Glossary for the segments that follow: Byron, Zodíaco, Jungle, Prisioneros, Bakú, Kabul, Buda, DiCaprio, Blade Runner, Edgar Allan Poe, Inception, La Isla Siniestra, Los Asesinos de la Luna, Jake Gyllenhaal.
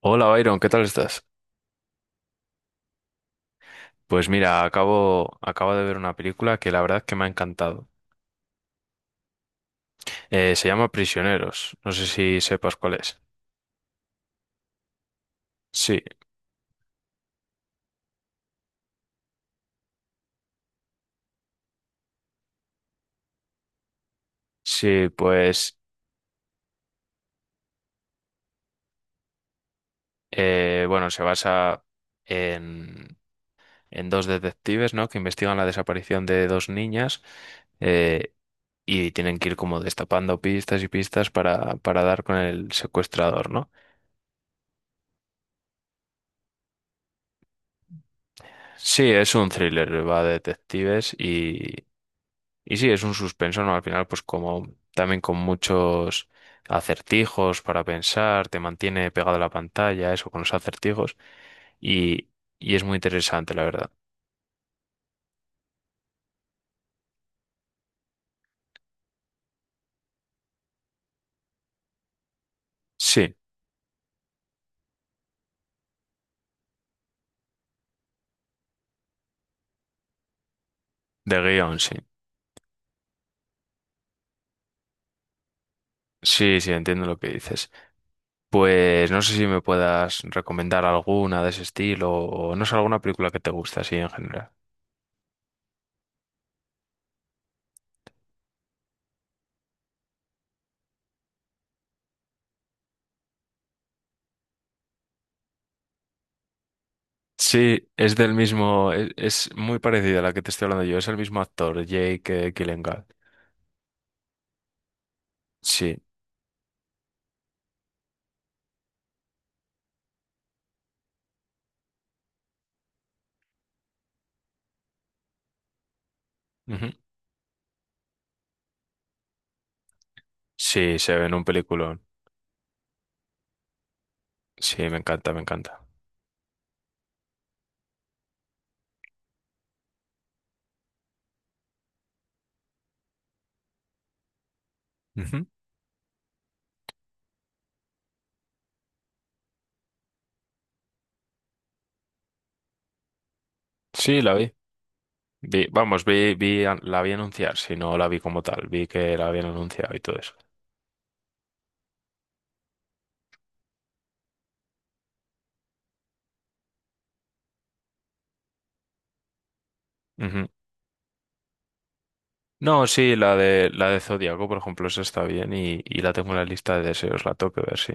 Hola Byron, ¿qué tal estás? Pues mira, acabo de ver una película que la verdad que me ha encantado. Se llama Prisioneros, no sé si sepas cuál es. Sí, sí, pues bueno, se basa en, en dos detectives, ¿no? Que investigan la desaparición de dos niñas, eh, y tienen que ir como destapando pistas y pistas para dar con el secuestrador, ¿no? Sí, es un thriller, va de detectives. Y sí, es un suspenso, ¿no? Al final, pues como también con muchos acertijos para pensar, te mantiene pegado a la pantalla, eso con los acertijos, y, y es muy interesante, la verdad. Sí, de guión, sí. Sí, sí, entiendo lo que dices. Pues no sé si me puedas recomendar alguna de ese estilo o no sé, alguna película que te guste así en general. Sí, es del mismo, es muy parecida a la que te estoy hablando yo, es el mismo actor, Jake, Gyllenhaal. Sí, ujú. Sí, se ve en un peliculón. Sí, me encanta, me encanta. Ujú. Sí, la vi. Vi- vamos, vi, vi, an- La vi anunciar, si no la vi como tal, vi que la habían anunciado y todo eso. Ujú. No, sí, la de Zodíaco, por ejemplo, esa está bien y la tengo en la lista de deseos, la tengo que ver, sí.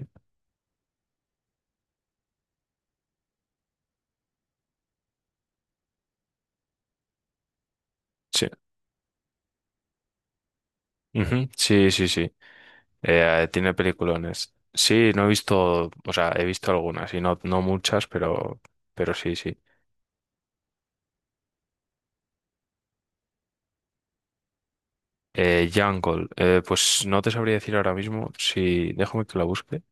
Sí, ujú. Sí, sí, sí. Tiene peliculones. Sí, no he visto, o sea, he visto algunas y no, no muchas, pero sí, sí. Jungle, pues no te sabría decir ahora mismo, si déjame que la busque.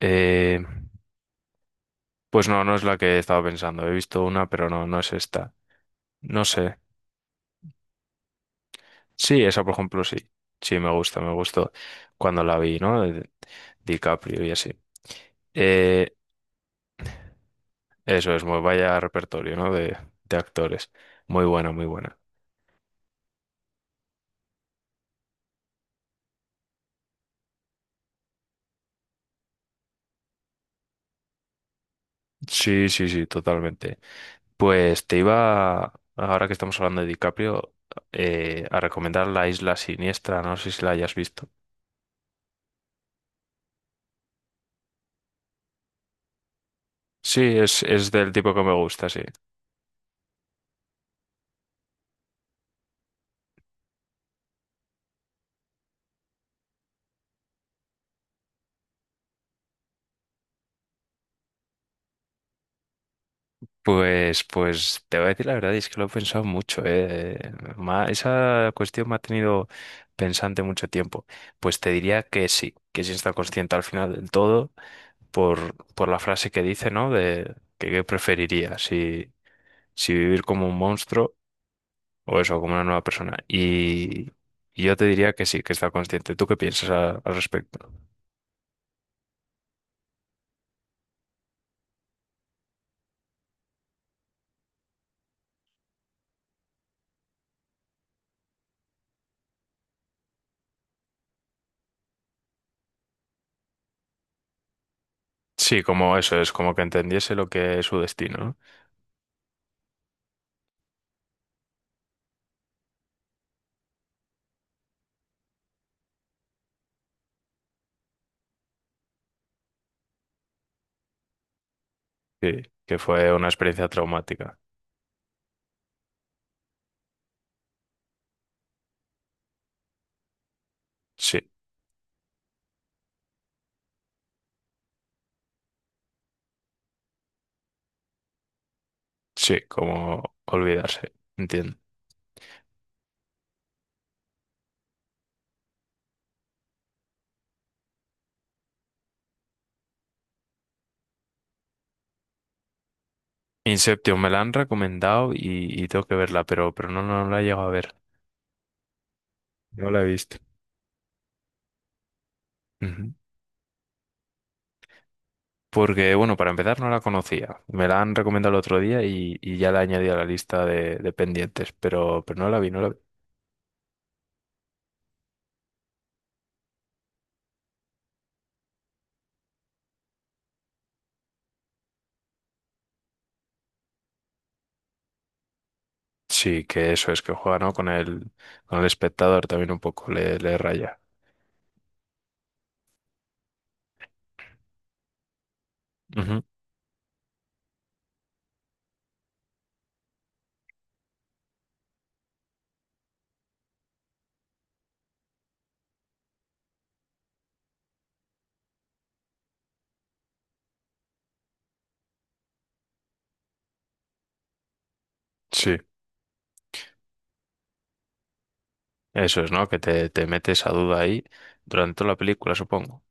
Eh, Pues no, no es la que estaba pensando. He visto una, pero no, no es esta. No sé. Sí, esa por ejemplo sí. Sí, me gusta, me gustó cuando la vi, ¿no? De DiCaprio y así. Eh, Eso es, muy vaya repertorio, ¿no? De actores. Muy buena, muy buena. Sí, sí, sí, totalmente. Pues te iba, ahora que estamos hablando de DiCaprio, a recomendar La Isla Siniestra, no sé si la hayas visto. Sí, es del tipo que me gusta, sí. Pues, pues te voy a decir la verdad, y es que lo he pensado mucho, ¿eh? Esa cuestión me ha tenido pensante mucho tiempo. Pues te diría que sí está consciente al final del todo, por la frase que dice, ¿no? De que qué preferiría, si, si vivir como un monstruo o eso, como una nueva persona. Y yo te diría que sí, que está consciente. ¿Tú qué piensas al respecto? Sí, como eso, es como que entendiese lo que es su destino, ¿no? Sí, que fue una experiencia traumática. Sí. Sí, como olvidarse, entiendo. Inception me la han recomendado y tengo que verla, pero no, no la he llegado a ver. No la he visto. Ujú. Porque, bueno, para empezar no la conocía. Me la han recomendado el otro día y ya la añadí a la lista de pendientes, pero no la vi, no la vi. Sí, que eso es que juega, ¿no? Con el espectador también un poco le, le raya. Ujú. Sí, eso es, ¿no? Que te metes a duda ahí durante toda la película, supongo.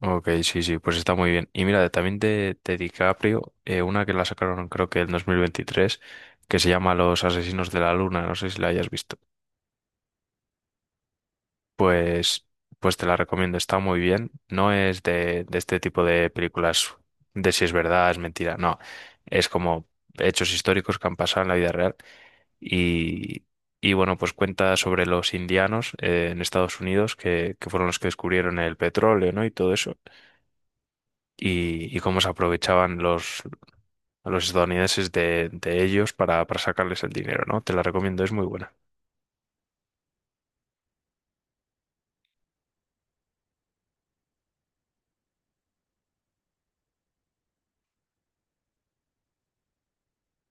Ok, sí, sí, pues está muy bien. Y mira, también de DiCaprio, una que la sacaron creo que en 2023, que se llama Los Asesinos de la Luna, no sé si la hayas visto. Pues, pues te la recomiendo, está muy bien. No es de este tipo de películas de si es verdad, es mentira, no. Es como hechos históricos que han pasado en la vida real. Y, y bueno, pues cuenta sobre los indianos en Estados Unidos, que fueron los que descubrieron el petróleo, ¿no? Y todo eso. Y, y cómo se aprovechaban los estadounidenses de ellos para sacarles el dinero, ¿no? Te la recomiendo, es muy buena.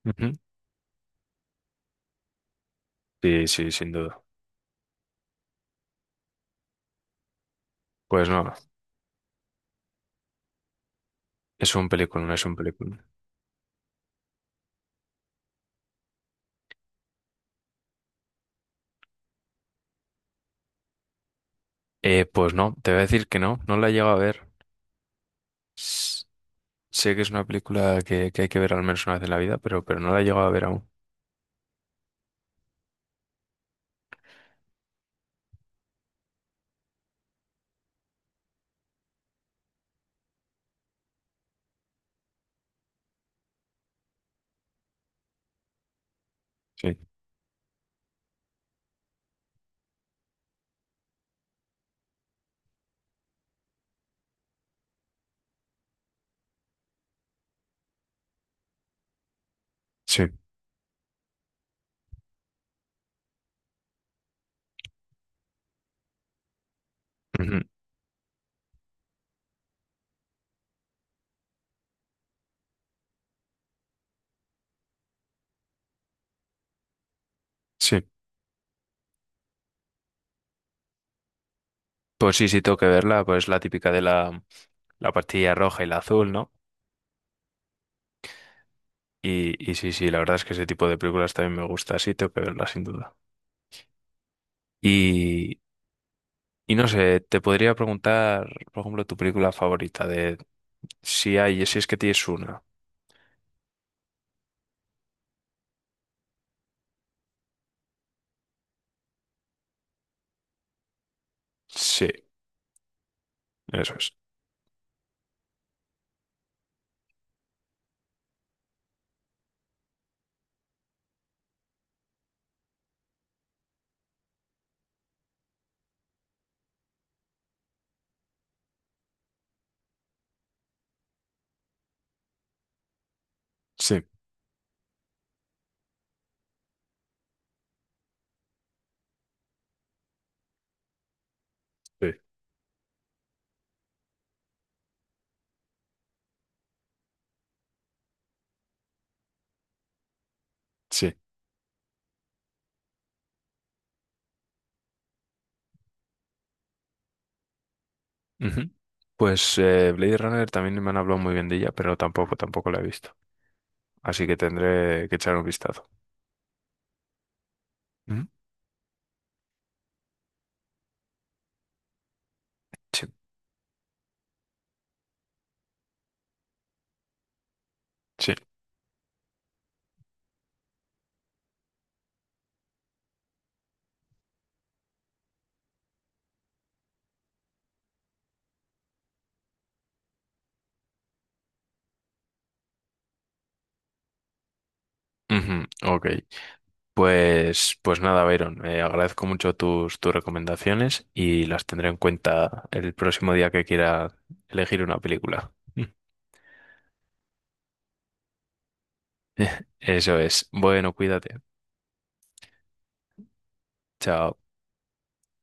Ujú. Sí, sí, sin duda. Pues no, es un película, no es un película. Pues no, te voy a decir que no, no la he llegado a ver. S- Sé que es una película que hay que ver al menos una vez en la vida, pero no la he llegado a ver aún. Sí, sí, ujú, sí. Pues sí, sí, tengo que verla, pues la típica de la, la pastilla roja y la azul, ¿no? Y sí, sí, la verdad es que ese tipo de películas también me gusta, sí, tengo que verla sin duda. Y, y no sé, te podría preguntar, por ejemplo, tu película favorita de si hay, si es que tienes una. Sí, eso es. Sí, sí, sí. Ujú. Pues Blade Runner también me han hablado muy bien de ella, pero tampoco, tampoco la he visto. Así que tendré que echar un vistazo. Ujú. Sí, sí. Ujú, ok. Pues, pues nada, Byron, agradezco mucho tus, tus recomendaciones y las tendré en cuenta el próximo día que quiera elegir una película. Eso es. Bueno, cuídate. Chao.